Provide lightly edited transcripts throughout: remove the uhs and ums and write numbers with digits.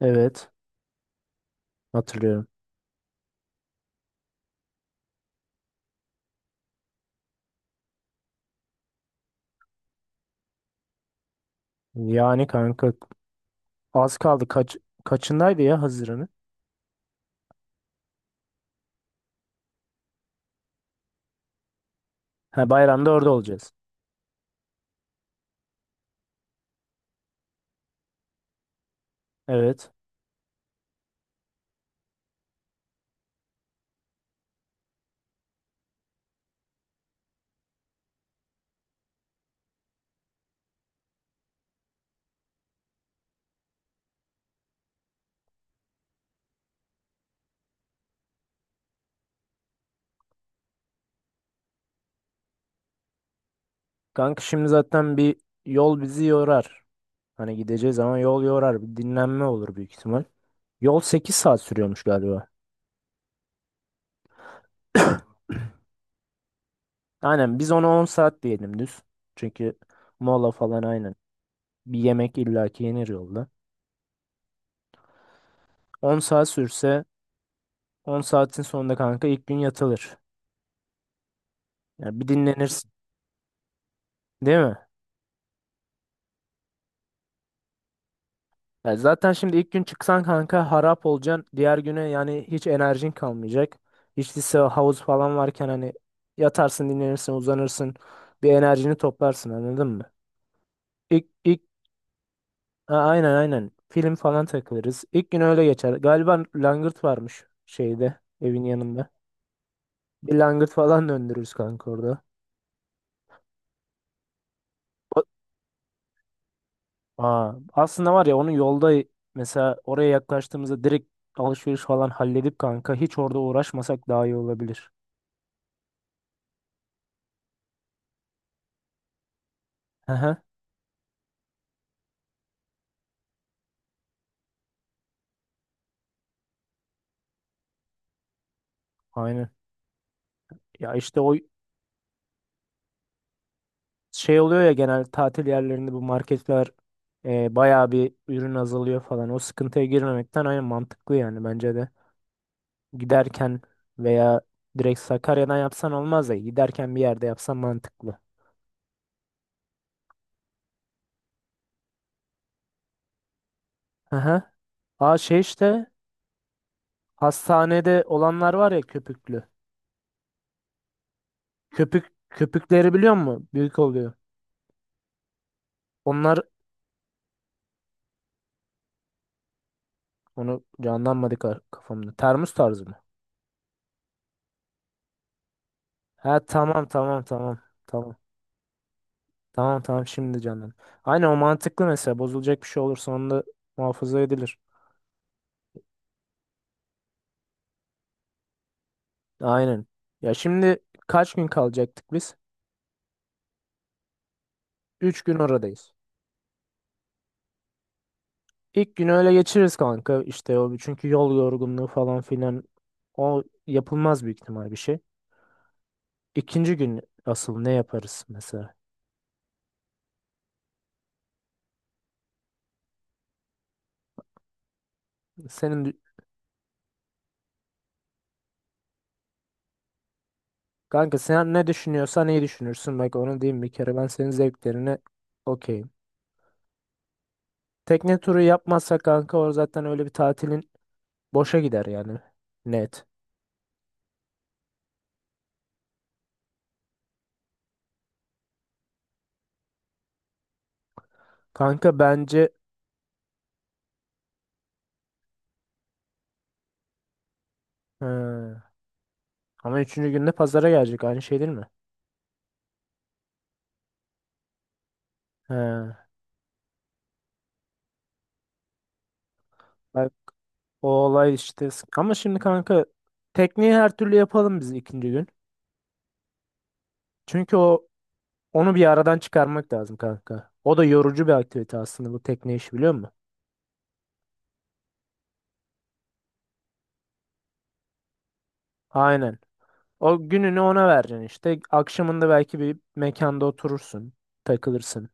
Evet, hatırlıyorum. Yani kanka az kaldı. Kaçındaydı ya Haziran'ı? Ha, bayramda orada olacağız. Evet. Kanka şimdi zaten bir yol bizi yorar. Hani gideceğiz ama yol yorar. Bir dinlenme olur büyük ihtimal. Yol 8 saat sürüyormuş galiba. Aynen biz ona 10 saat diyelim düz. Çünkü mola falan aynen. Bir yemek illaki yenir yolda. 10 saat sürse 10 saatin sonunda kanka ilk gün yatılır. Yani bir dinlenirsin. Değil mi? Ya zaten şimdi ilk gün çıksan kanka harap olacaksın. Diğer güne yani hiç enerjin kalmayacak. Hiç lise havuz falan varken hani yatarsın, dinlenirsin, uzanırsın. Bir enerjini toplarsın, anladın mı? İlk, ilk ha, aynen, aynen. Film falan takılırız. İlk gün öyle geçer. Galiba langırt varmış şeyde, evin yanında. Bir langırt falan döndürürüz kanka orada. O- Aa, aslında var ya, onun yolda mesela oraya yaklaştığımızda direkt alışveriş falan halledip kanka hiç orada uğraşmasak daha iyi olabilir. Aynen. Ya işte o şey oluyor ya, genel tatil yerlerinde bu marketler bayağı bir ürün azalıyor falan. O sıkıntıya girmemekten aynen mantıklı yani, bence de. Giderken veya direkt Sakarya'dan yapsan olmaz da giderken bir yerde yapsan mantıklı. Aha. Aa şey işte, hastanede olanlar var ya köpüklü. Köpük köpükleri biliyor musun? Büyük oluyor. Onlar, onu canlanmadı kafamda. Termos tarzı mı? Ha, tamam, tamam, tamam. Tamam. Tamam, tamam, şimdi canım. Aynen o mantıklı mesela. Bozulacak bir şey olursa onda muhafaza edilir. Aynen. Ya şimdi kaç gün kalacaktık biz? 3 gün oradayız. İlk günü öyle geçiririz kanka. İşte o çünkü yol yorgunluğu falan filan, o yapılmaz büyük ihtimal bir şey. İkinci gün asıl ne yaparız mesela? Senin dü- Kanka sen ne düşünüyorsan iyi düşünürsün. Bak onu diyeyim bir kere, ben senin zevklerine okeyim. Tekne turu yapmazsak kanka, o zaten öyle bir tatilin boşa gider yani. Net. Kanka bence. He. Ama üçüncü günde pazara gelecek, aynı şey değil mi? He. Ben- O olay işte ama şimdi kanka, tekniği her türlü yapalım biz ikinci gün. Çünkü o, onu bir aradan çıkarmak lazım kanka. O da yorucu bir aktivite aslında, bu tekne işi, biliyor musun? Aynen. O gününü ona vereceksin işte. Akşamında belki bir mekanda oturursun, takılırsın.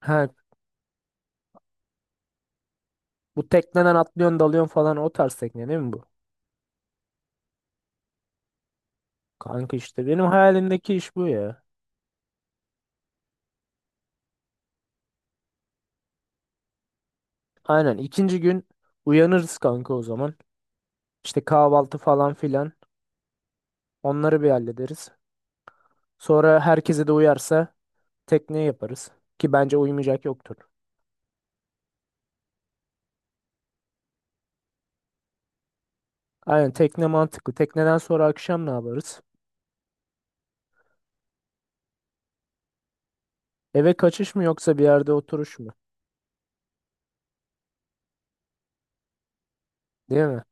Ha, bu tekneden atlıyorsun, dalıyorsun falan, o tarz tekne değil mi bu? Kanka işte benim hayalimdeki iş bu ya. Aynen ikinci gün uyanırız kanka o zaman. İşte kahvaltı falan filan, onları bir hallederiz. Sonra herkese de uyarsa tekne yaparız. Ki bence uymayacak yoktur. Aynen, tekne mantıklı. Tekneden sonra akşam ne yaparız? Eve kaçış mı, yoksa bir yerde oturuş mu? Değil mi?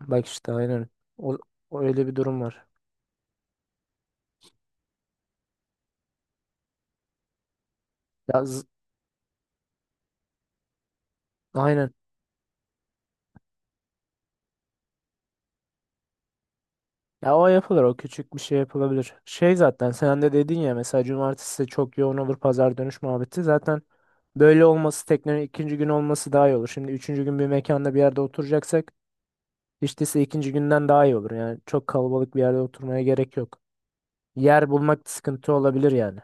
Bak işte aynen. O, o öyle bir durum var. Ya, z- aynen. Ya o yapılır, o küçük bir şey yapılabilir. Şey, zaten sen de dedin ya mesela, cumartesi de çok yoğun olur, pazar dönüş muhabbeti. Zaten böyle olması, teknenin ikinci gün olması daha iyi olur. Şimdi üçüncü gün bir mekanda bir yerde oturacaksak hiç değilse ikinci günden daha iyi olur. Yani çok kalabalık bir yerde oturmaya gerek yok. Yer bulmak sıkıntı olabilir yani.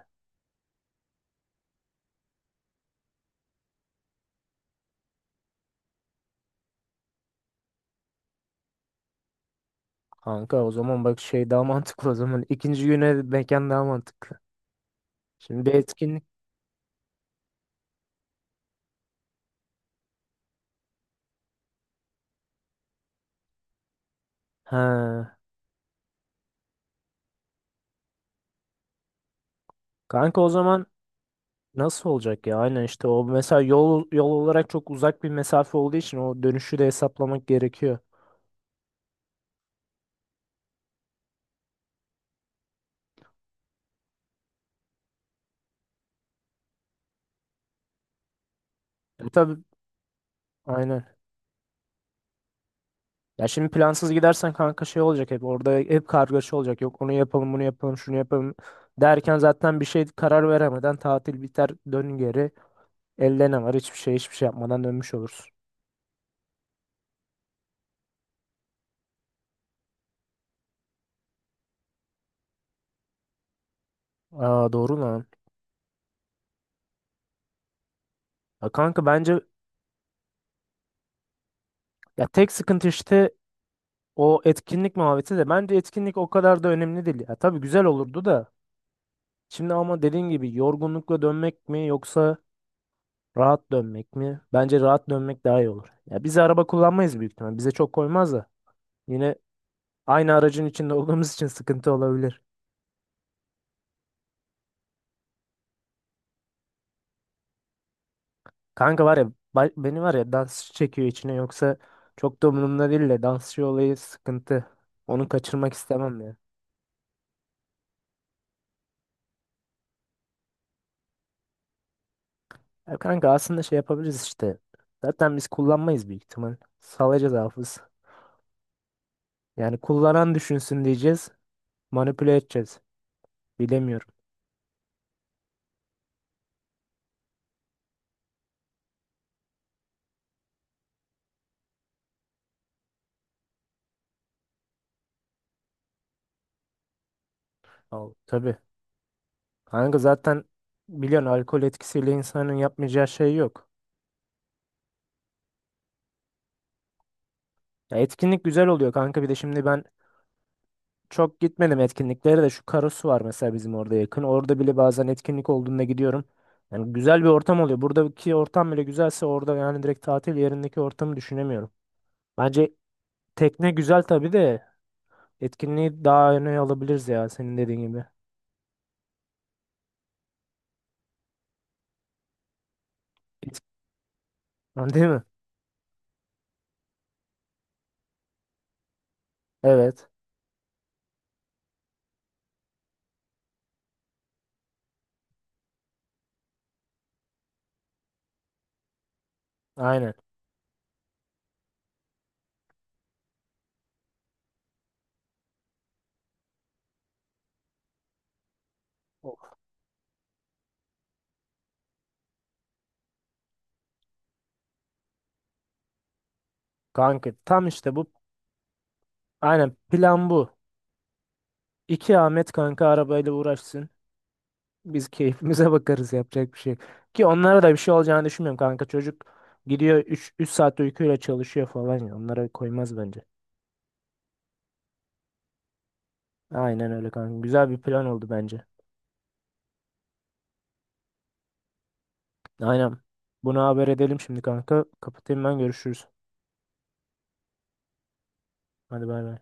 Kanka o zaman bak şey daha mantıklı o zaman. İkinci güne mekan daha mantıklı. Şimdi bir etkinlik. Ha. Kanka o zaman nasıl olacak ya? Aynen işte o mesela, yol, yol olarak çok uzak bir mesafe olduğu için o dönüşü de hesaplamak gerekiyor. E tabii, aynen. Ya şimdi plansız gidersen kanka, şey olacak, hep orada hep kargaşa olacak. Yok onu yapalım, bunu yapalım, şunu yapalım derken zaten bir şey karar veremeden tatil biter, dön geri. Elde ne var? Hiçbir şey, hiçbir şey yapmadan dönmüş olursun. Aa, doğru lan. Ya kanka bence, ya tek sıkıntı işte o etkinlik muhabbeti, de bence etkinlik o kadar da önemli değil. Ya tabii güzel olurdu da, şimdi ama dediğin gibi yorgunlukla dönmek mi, yoksa rahat dönmek mi? Bence rahat dönmek daha iyi olur. Ya biz araba kullanmayız büyük ihtimal. Bize çok koymaz da. Yine aynı aracın içinde olduğumuz için sıkıntı olabilir. Kanka var ya, beni var ya, dans çekiyor içine, yoksa çok da umurumda değil de dansçı olayı sıkıntı. Onu kaçırmak istemem ya. Ya kanka aslında şey yapabiliriz işte. Zaten biz kullanmayız büyük ihtimal. Salacağız hafız. Yani kullanan düşünsün diyeceğiz. Manipüle edeceğiz. Bilemiyorum. Al, tabii. Kanka zaten biliyorsun, alkol etkisiyle insanın yapmayacağı şey yok. Ya etkinlik güzel oluyor kanka, bir de şimdi ben çok gitmedim etkinliklere de, şu Karasu var mesela bizim orada yakın. Orada bile bazen etkinlik olduğunda gidiyorum. Yani güzel bir ortam oluyor. Buradaki ortam bile güzelse orada, yani direkt tatil yerindeki ortamı düşünemiyorum. Bence tekne güzel tabii de, etkinliği daha öne alabiliriz ya, senin dediğin gibi. Et- Değil mi? Evet. Aynen. Of. Kanka tam işte bu. Aynen plan bu. İki Ahmet kanka arabayla uğraşsın. Biz keyfimize bakarız, yapacak bir şey yok. Ki onlara da bir şey olacağını düşünmüyorum kanka. Çocuk gidiyor üç saat uykuyla çalışıyor falan ya. Onlara koymaz bence. Aynen öyle kanka. Güzel bir plan oldu bence. Aynen. Bunu haber edelim şimdi kanka. Kapatayım ben, görüşürüz. Hadi, bay bay.